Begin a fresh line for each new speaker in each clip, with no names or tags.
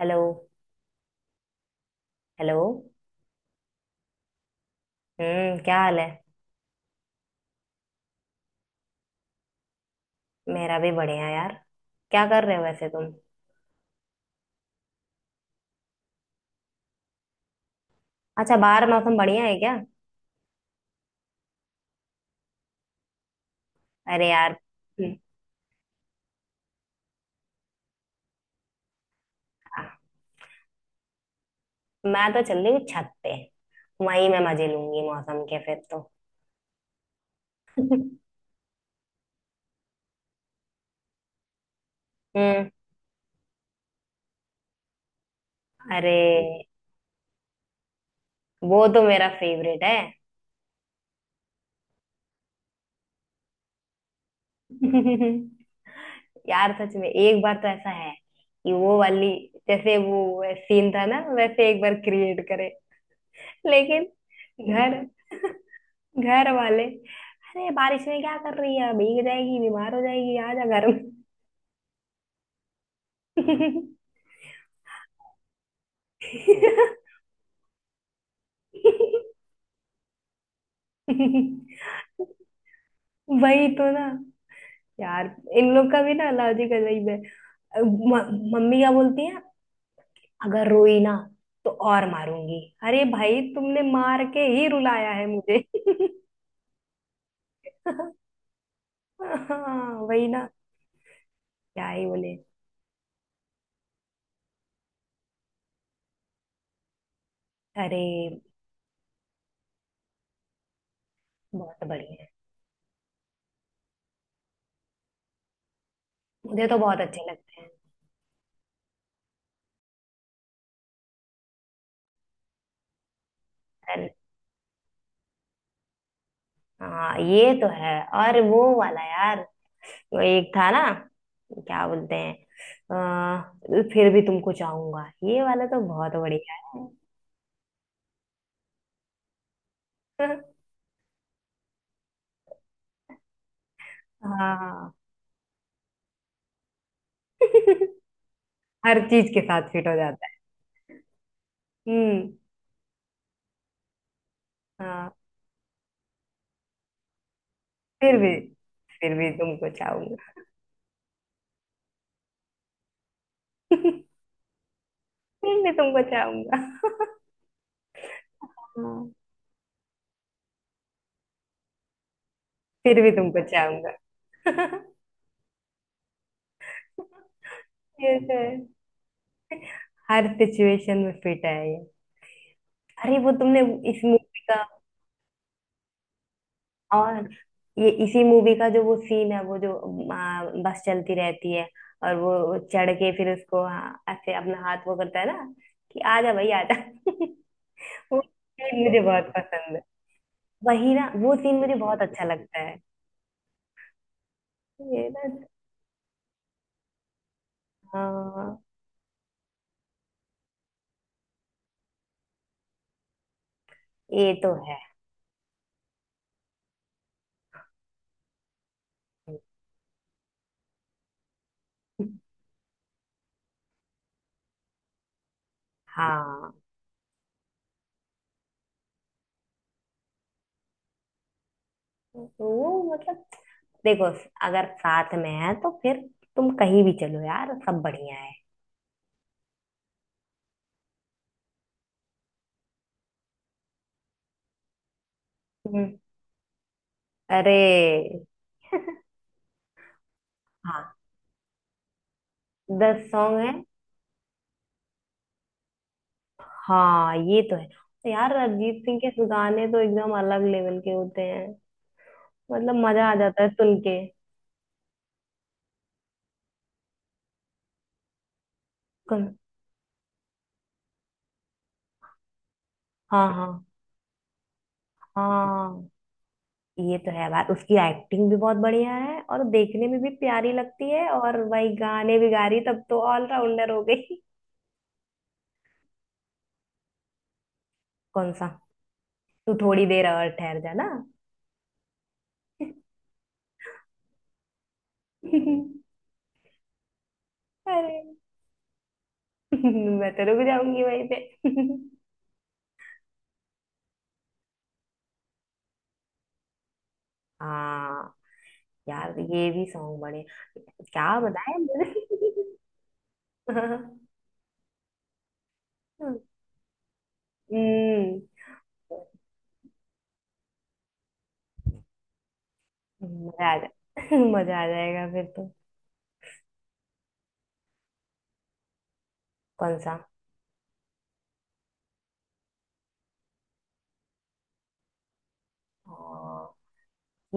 Hello. Hello. क्या हाल है। मेरा भी बढ़िया यार। क्या कर रहे हो वैसे तुम। अच्छा बाहर मौसम बढ़िया है क्या? अरे यार। हम्म, मैं तो चल रही हूँ छत पे। वहीं मैं मजे लूंगी मौसम के फिर तो। हम्म। अरे वो तो मेरा फेवरेट है। यार सच में एक बार तो ऐसा है कि वो वाली जैसे वो सीन था ना वैसे एक बार क्रिएट करे। लेकिन घर घर वाले अरे बारिश में क्या कर रही है, भीग जाएगी, बीमार हो जाएगी, आ जा घर में। वही तो ना। यार इन लोग का भी ना लॉजिक अजीब है। मम्मी क्या बोलती है, अगर रोई ना तो और मारूंगी। अरे भाई तुमने मार के ही रुलाया है मुझे। हाँ वही ना। क्या ही बोले। अरे बहुत बढ़िया है, मुझे तो बहुत अच्छे लगते हैं। अरे हाँ ये तो है। और वो वाला यार वो एक था ना, क्या बोलते हैं, फिर भी तुमको चाहूंगा। ये वाला तो बहुत बढ़िया है। हाँ। हर चीज के साथ फिट हो जाता है। हम्म। हाँ। फिर भी फिर भी तुमको चाहूंगा। फिर भी तुमको चाहूंगा। हाँ, फिर भी तुमको चाहूंगा। ये तो है। हर सिचुएशन में फिट है ये। अरे वो तुमने इस मूवी का। और ये इसी मूवी का जो वो सीन है, वो जो आ, बस चलती रहती है। और वो चढ़ के फिर उसको हाँ, ऐसे अपना हाथ वो करता है ना कि आजा भाई आजा। वो सीन मुझे बहुत पसंद है। वही ना वो सीन मुझे बहुत अच्छा लगता है। ये ना। हाँ ये तो है। हाँ तो वो मतलब देखो, अगर साथ में है तो फिर तुम कहीं भी चलो यार, सब बढ़िया है। हम्म। अरे हाँ दस सॉन्ग है। हाँ ये तो है, तो यार अरिजीत सिंह के गाने तो एकदम अलग लेवल के होते हैं। मतलब मजा आ जाता है सुन के। कम- हाँ हाँ हाँ ये तो है यार, उसकी एक्टिंग भी बहुत बढ़िया है और देखने में भी प्यारी लगती है, और वही गाने भी गा रही, तब तो ऑलराउंडर हो गई। कौन सा? तू थोड़ी देर और ठहर जा ना। अरे मैं तो रुक जाऊंगी वहीं पे। हाँ यार ये भी सॉन्ग बड़े, क्या बताए। मुझे हम्म। मजा आ जाए मजा आ जाएगा फिर तो। कौन सा? और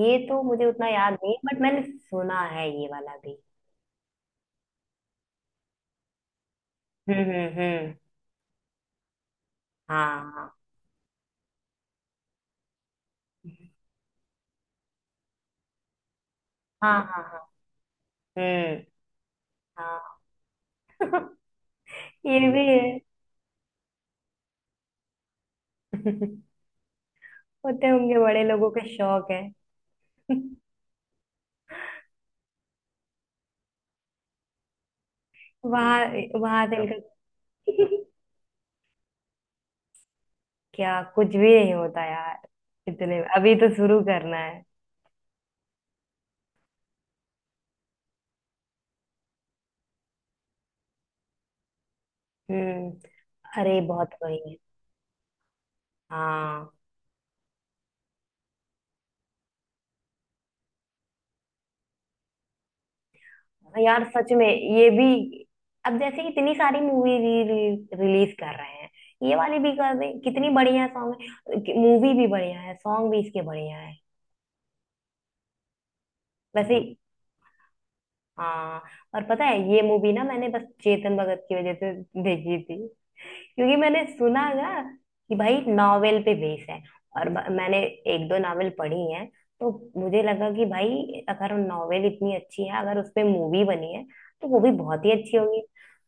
ये तो मुझे उतना याद नहीं, बट मैंने सुना है ये वाला भी। हम्म। हाँ हाँ। हाँ हाँ हाँ। हम्म। हाँ। ये भी है। होते होंगे बड़े लोगों के शौक है। वहां वहां से क्या। इनका क्या कुछ भी नहीं होता यार इतने में। अभी तो शुरू करना है। हम्म। अरे बहुत बढ़िया। हाँ। हाँ यार सच में, ये भी अब जैसे इतनी सारी मूवी रिलीज कर रहे हैं, ये वाली भी कर दें, कितनी बढ़िया सॉन्ग है, मूवी भी बढ़िया है, सॉन्ग भी इसके बढ़िया है। वैसे हाँ और पता है ये मूवी ना मैंने बस चेतन भगत की वजह से देखी थी, क्योंकि मैंने सुना ना कि भाई नॉवेल पे बेस है, और मैंने एक दो नॉवेल पढ़ी हैं तो मुझे लगा कि भाई अगर नॉवेल इतनी अच्छी है, अगर उस पे मूवी बनी है तो वो भी बहुत ही अच्छी होगी।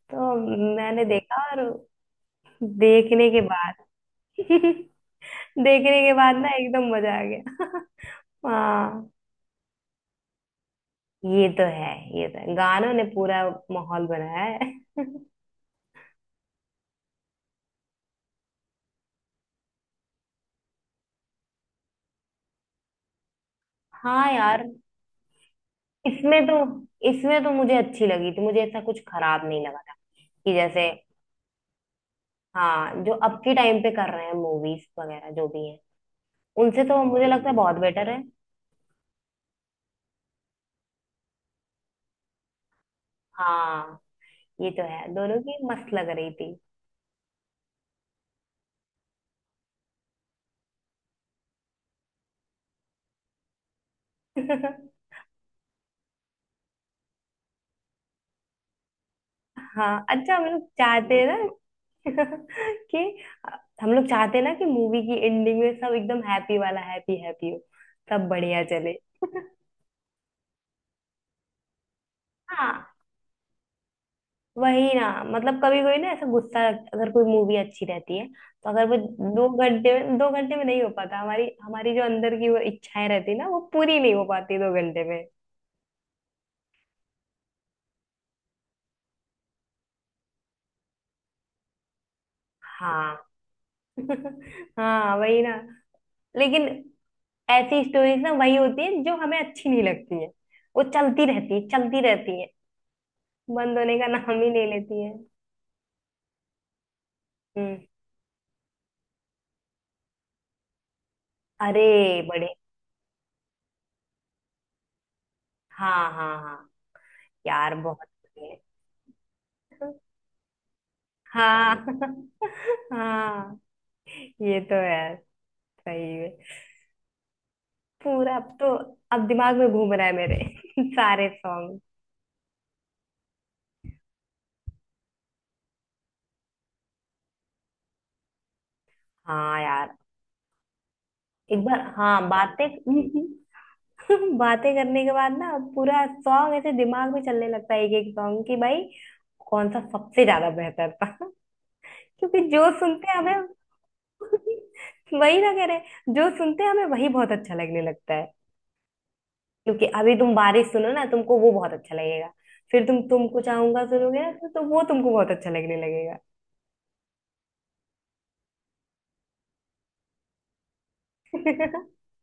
तो मैंने देखा, और देखने के बाद देखने के बाद ना एकदम मजा आ गया। हाँ। ये तो है। ये तो है गानों ने पूरा माहौल बनाया है। हाँ यार। इसमें तो इसमें तो मुझे अच्छी लगी थी, मुझे ऐसा कुछ खराब नहीं लगा था कि जैसे। हाँ जो अब के टाइम पे कर रहे हैं मूवीज वगैरह जो भी हैं, उनसे तो मुझे लगता है बहुत बेटर है। हाँ ये तो है, दोनों की मस्त लग रही थी। हाँ अच्छा हम लोग चाहते हैं ना। कि हम लोग चाहते हैं ना कि मूवी की एंडिंग में सब एकदम हैप्पी वाला हैप्पी हैप्पी हो, सब बढ़िया चले। हाँ वही ना। मतलब कभी कोई ना ऐसा गुस्सा, अगर कोई मूवी अच्छी रहती है तो अगर वो दो घंटे में, दो घंटे में नहीं हो पाता, हमारी हमारी जो अंदर की वो इच्छाएं रहती है ना, वो पूरी नहीं हो पाती दो घंटे में। हाँ। हाँ वही ना। लेकिन ऐसी स्टोरीज ना वही होती है जो हमें अच्छी नहीं लगती है, वो चलती रहती है चलती रहती है, बंद होने का नाम ही नहीं लेती है। हम्म। अरे बड़े। हाँ हाँ हाँ यार बहुत बढ़िया है। हाँ हाँ ये तो यार सही है। पूरा अब तो अब दिमाग में घूम रहा है मेरे सारे सॉन्ग। हाँ यार एक बार, हाँ बातें बातें करने के बाद ना पूरा सॉन्ग ऐसे दिमाग में चलने लगता है, एक एक सॉन्ग कि भाई कौन सा सबसे ज्यादा बेहतर था। क्योंकि जो सुनते हैं हमें वही ना कह रहे, जो सुनते हैं हमें वही बहुत अच्छा लगने लगता है। क्योंकि अभी तुम बारिश सुनो ना, तुमको वो बहुत अच्छा लगेगा, फिर तुम तुमको चाहूंगा सुनोगे ना तो वो तुमको बहुत अच्छा लगने लगेगा।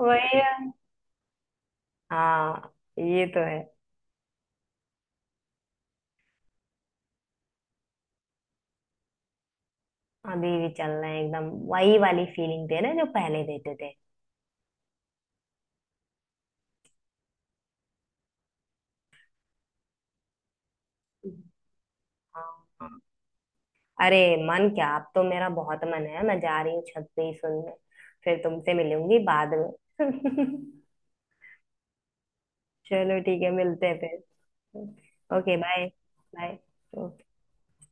वही है। हाँ ये तो है। अभी भी चल रहा है एकदम, वही वाली फीलिंग दे रहे हैं जो पहले देते थे। हाँ अरे मन क्या, अब तो मेरा बहुत मन है, मैं जा रही हूँ छत पे ही सुनने, फिर तुमसे मिलूंगी बाद में। चलो ठीक है, मिलते हैं फिर। Okay bye. बाय।